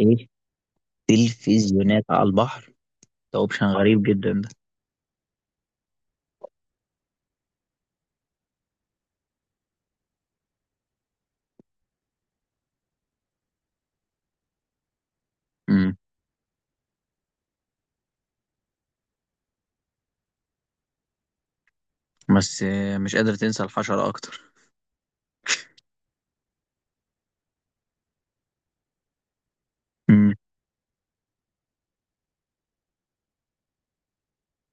ايه. تلفزيونات على البحر؟ ده اوبشن غريب جدا ده. امم. بس مش قادر تنسى الحشرة أكتر. امم.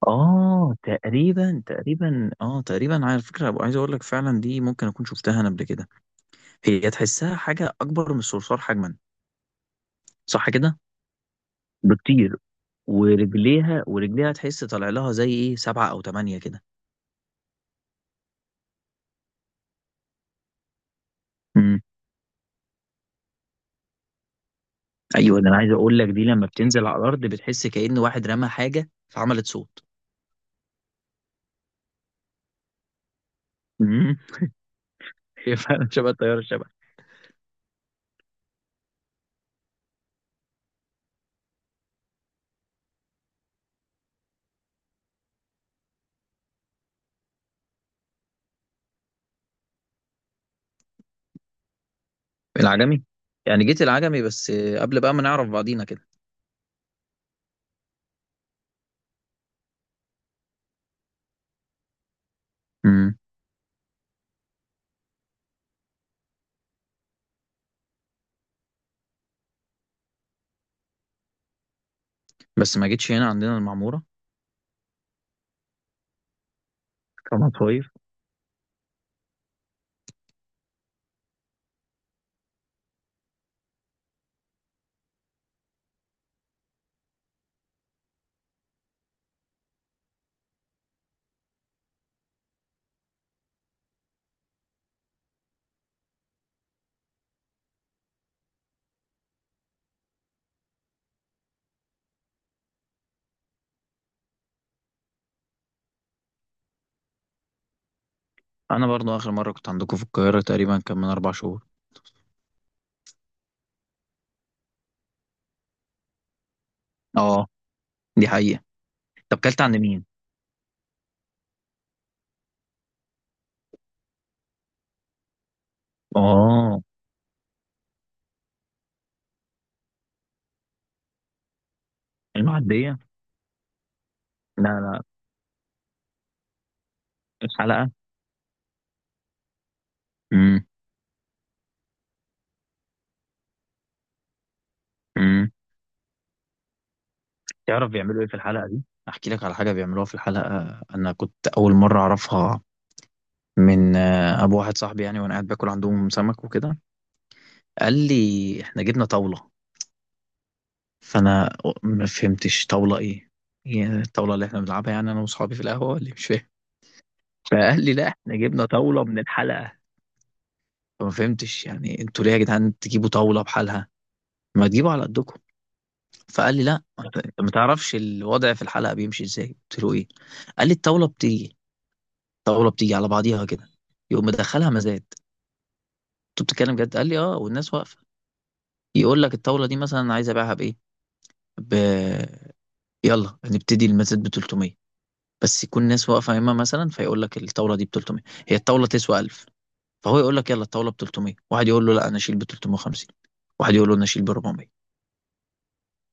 تقريبا على فكره، أبقى عايز اقول لك فعلا دي ممكن اكون شفتها انا قبل كده. هي تحسها حاجه اكبر من الصرصار حجما. صح كده. بكتير. ورجليها تحس طالع لها زي ايه سبعه او ثمانيه كده. امم. ايوه، ده انا عايز اقول لك دي لما بتنزل على الارض بتحس كأن واحد رمى حاجه فعملت صوت. امم. هي فعلا شبه الطياره الشبه. العجمي؟ يعني جيت العجمي بس؟ قبل بقى ما نعرف بعضينا كده؟ امم. بس ما جيتش هنا عندنا المعمورة. كان مصايف. انا برضو اخر مرة كنت عندكم في القاهرة تقريبا كان من 4 شهور. اه، دي حقيقة. طب كلت عند مين؟ اه. المعدية. لا لا. الحلقة. امم. امم. تعرف بيعملوا ايه في الحلقة دي؟ احكي لك على حاجة بيعملوها في الحلقة. انا كنت اول مرة اعرفها من ابو واحد صاحبي، يعني وانا قاعد باكل عندهم سمك وكده. قال لي احنا جبنا طاولة. فانا ما فهمتش طاوله ايه. يعني الطاوله اللي احنا بنلعبها، يعني انا واصحابي في القهوه اللي مش فاهم. فقال لي لا، احنا جبنا طاوله من الحلقه. فما فهمتش، يعني انتوا ليه يا جدعان تجيبوا طاوله بحالها؟ ما تجيبوا على قدكم. فقال لي لا، ما انت ما تعرفش الوضع في الحلقه بيمشي ازاي. قلت له ايه؟ قال لي الطاوله بتيجي على بعضيها كده. يقوم مدخلها مزاد. انتوا بتتكلم جد؟ قال لي اه، والناس واقفه. يقول لك الطاوله دي مثلا عايز ابيعها بايه؟ ب... يلا هنبتدي المزاد ب 300. بس يكون ناس واقفه يمه، مثلا فيقول لك الطاوله دي ب 300. هي الطاوله تسوى 1000. فهو يقول لك يلا الطاوله ب 300، واحد يقول له لا انا اشيل ب 350. واحد يقول له انا اشيل ب 400.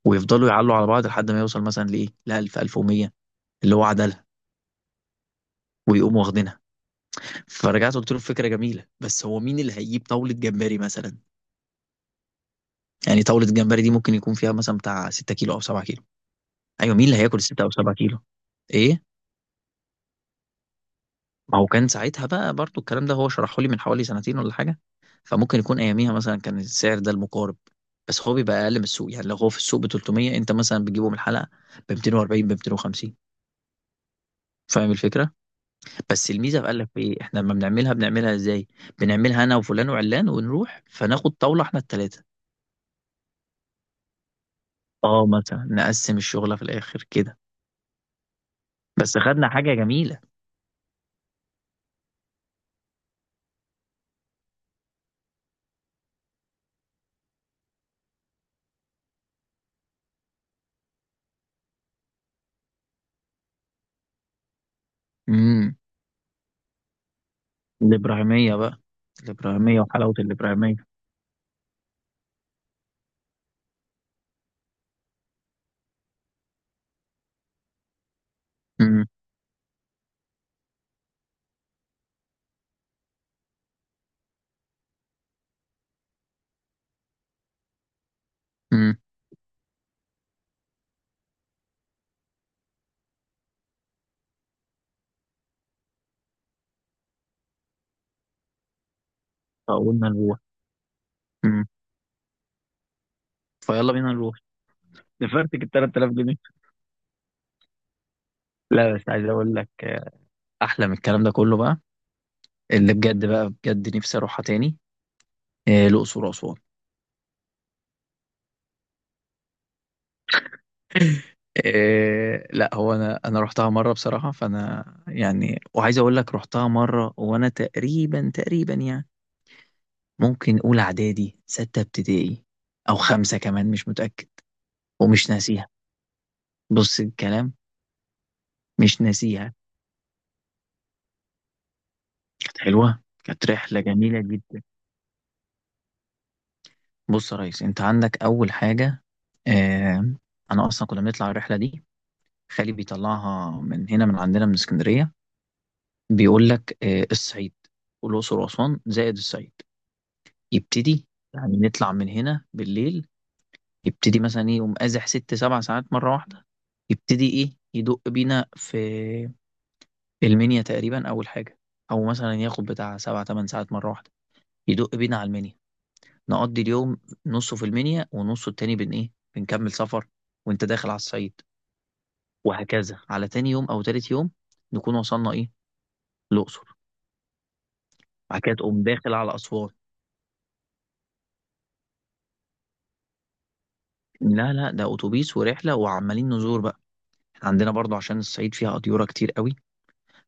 ويفضلوا يعلوا على بعض لحد ما يوصل مثلا لايه، ل 1000 1100 اللي هو عدلها. ويقوموا واخدينها. فرجعت قلت له فكره جميله، بس هو مين اللي هيجيب طاوله جمبري مثلا؟ يعني طاوله جمبري دي ممكن يكون فيها مثلا بتاع 6 كيلو او 7 كيلو. ايوه، مين اللي هياكل 6 او 7 كيلو؟ ايه. ما هو كان ساعتها بقى برضو الكلام ده هو شرحه لي من حوالي سنتين ولا حاجة. فممكن يكون أياميها مثلا كان السعر ده المقارب. بس هو بيبقى أقل من السوق، يعني لو هو في السوق ب 300 أنت مثلا بتجيبه من الحلقة ب 240، ب 250. فاهم الفكرة؟ بس الميزة بقى لك في إيه؟ إحنا لما بنعملها بنعملها إزاي؟ بنعملها أنا وفلان وعلان، ونروح فناخد طاولة إحنا التلاتة. أه، مثلا نقسم الشغلة في الآخر كده. بس خدنا حاجة جميلة. امم. الإبراهيمية بقى. الإبراهيمية وحلاوة الإبراهيمية. امم. امم. فقلنا نروح. فيلا بينا نروح. نفرتك ال 3000 جنيه. لا بس عايز اقول لك، احلى من الكلام ده كله بقى. اللي بجد بقى بجد نفسي اروحها تاني. الاقصر واسوان. لا هو انا رحتها مره بصراحه، فانا يعني وعايز اقول لك رحتها مره وانا تقريبا يعني ممكن اولى اعدادي، سته ابتدائي او خمسه كمان، مش متاكد. ومش ناسيها. بص الكلام. مش ناسيها. كانت حلوه، كانت رحله جميله جدا. بص يا ريس، انت عندك اول حاجه. اه. انا اصلا كنا بنطلع الرحله دي. خالي بيطلعها من هنا، من عندنا من اسكندريه. بيقول لك اه، الصعيد والاقصر واسوان زائد الصعيد. يبتدي، يعني نطلع من هنا بالليل. يبتدي مثلا ايه، يقوم قازح ست سبع ساعات مره واحده. يبتدي ايه، يدق بينا في المنيا تقريبا اول حاجه. او مثلا ياخد بتاع سبع تمن ساعات مره واحده. يدق بينا على المنيا. نقضي اليوم، نصه في المنيا ونصه التاني بن ايه بنكمل سفر. وانت داخل على الصعيد. وهكذا على تاني يوم او تالت يوم نكون وصلنا ايه، الاقصر. بعد كده تقوم داخل على اسوان. لا لا، ده اتوبيس ورحله وعمالين نزور بقى. احنا عندنا برضو عشان الصعيد فيها قطيره كتير قوي.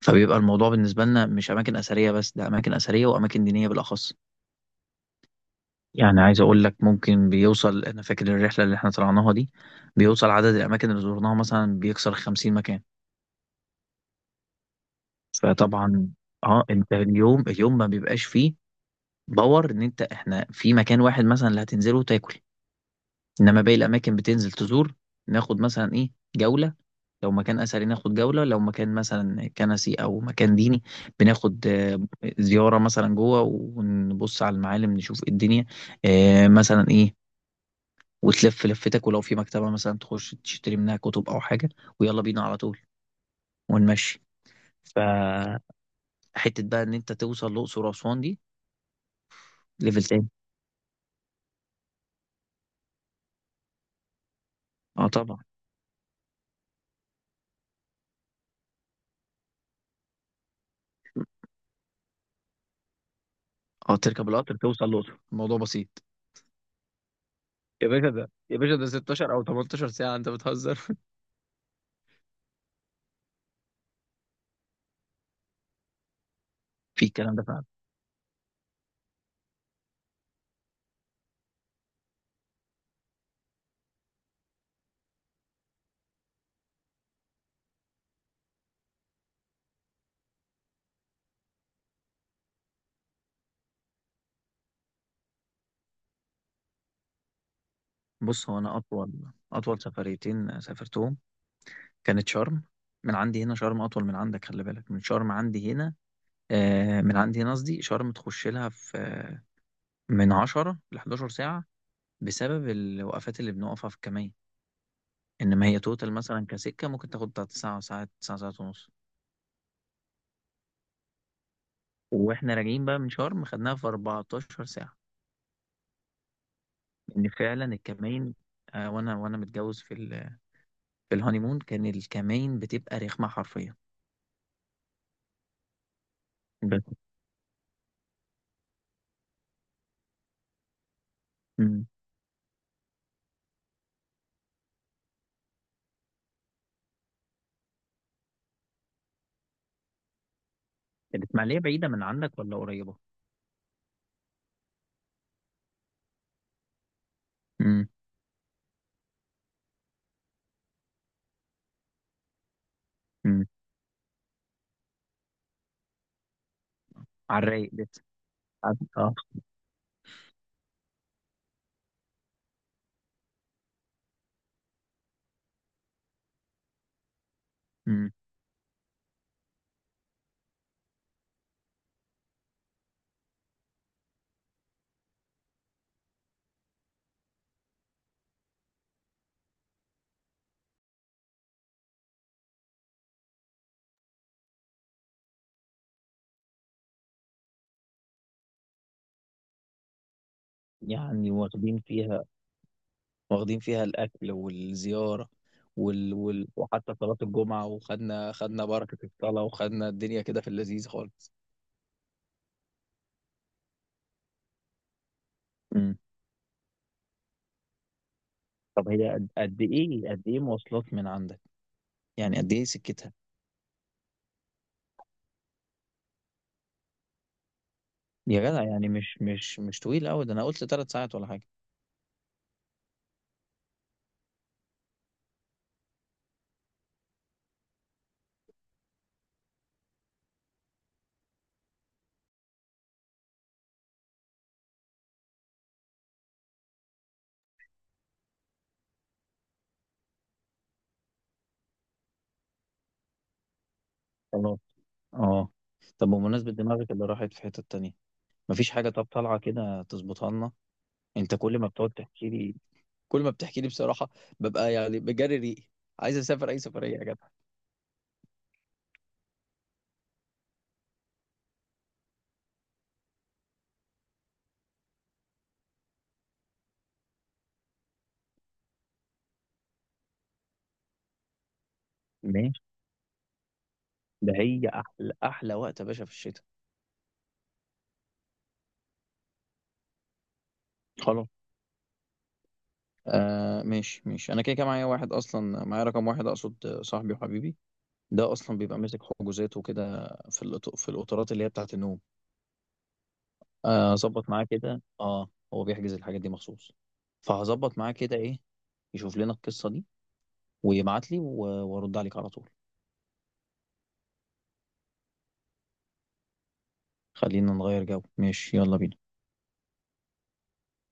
فبيبقى الموضوع بالنسبه لنا مش اماكن اثريه بس، ده اماكن اثريه واماكن دينيه بالاخص. يعني عايز اقول لك، ممكن بيوصل انا فاكر الرحله اللي احنا طلعناها دي بيوصل عدد الاماكن اللي زرناها مثلا بيكسر 50 مكان. فطبعا اه، انت اليوم اليوم ما بيبقاش فيه باور ان انت احنا في مكان واحد مثلا اللي هتنزله وتاكل. انما باقي الاماكن بتنزل تزور. ناخد مثلا ايه جوله، لو مكان اثري ناخد جوله، لو مكان مثلا كنسي او مكان ديني بناخد زياره مثلا جوه، ونبص على المعالم نشوف إيه الدنيا. مثلا ايه، وتلف لفتك، ولو في مكتبه مثلا تخش تشتري منها كتب او حاجه. ويلا بينا على طول ونمشي. فحته بقى ان انت توصل الاقصر واسوان دي، ليفل تاني. اه طبعا. اه تركب القطر توصل الأقصر الموضوع بسيط. يا باشا ده، يا باشا ده 16 او 18 ساعة، انت بتهزر. في الكلام ده فعلا. بص هو أنا أطول، أطول سفريتين سافرتهم كانت شرم. من عندي هنا شرم أطول من عندك، خلي بالك من شرم عندي هنا. آه من عندي هنا قصدي شرم تخش لها في من 10 ل 11 ساعة. بسبب الوقفات اللي بنقفها في الكمية. إنما هي توتال مثلا كسكة ممكن تاخد بتاعت ساعة ساعة ساعة ساعة ونص. وإحنا راجعين بقى من شرم خدناها في 14 ساعة. ان فعلا الكمين، وانا متجوز في في الهانيمون، كان الكمين بتبقى رخمه حرفيا. بس. امم. الاسماعيليه بعيده من عندك ولا قريبه؟ امم. امم. على الرايق لسه. عارف؟ اه. امم. يعني واخدين فيها الاكل والزياره. وحتى صلاه الجمعه، وخدنا خدنا بركه الصلاه، وخدنا الدنيا كده في اللذيذ خالص. امم. طب هي قد ايه مواصلات من عندك؟ يعني قد ايه سكتها؟ يا جدع يعني مش طويل قوي، ده انا قلت 3 ساعات ولا حاجه. خلاص. اه. طب بمناسبه دماغك اللي راحت في حته تانية، مفيش حاجه طب طالعه كده تظبطها لنا؟ انت كل ما بتحكي لي بصراحه ببقى يعني بجري ريقي. عايز اسافر اي سفريه يا جدع. ماشي. ده هي احلى احلى وقت يا باشا في الشتاء. خلاص. آه ماشي ماشي، انا كده كده معايا واحد اصلا، معايا رقم واحد اقصد، صاحبي وحبيبي. ده اصلا بيبقى ماسك حجوزات وكده في في القطارات اللي هي بتاعت النوم. اظبط معاه كده، اه هو بيحجز الحاجات دي مخصوص. فهظبط معاه كده ايه يشوف لنا القصة دي. ويبعت لي وارد عليك على طول. خلينا نغير جو، ماشي يلا بينا.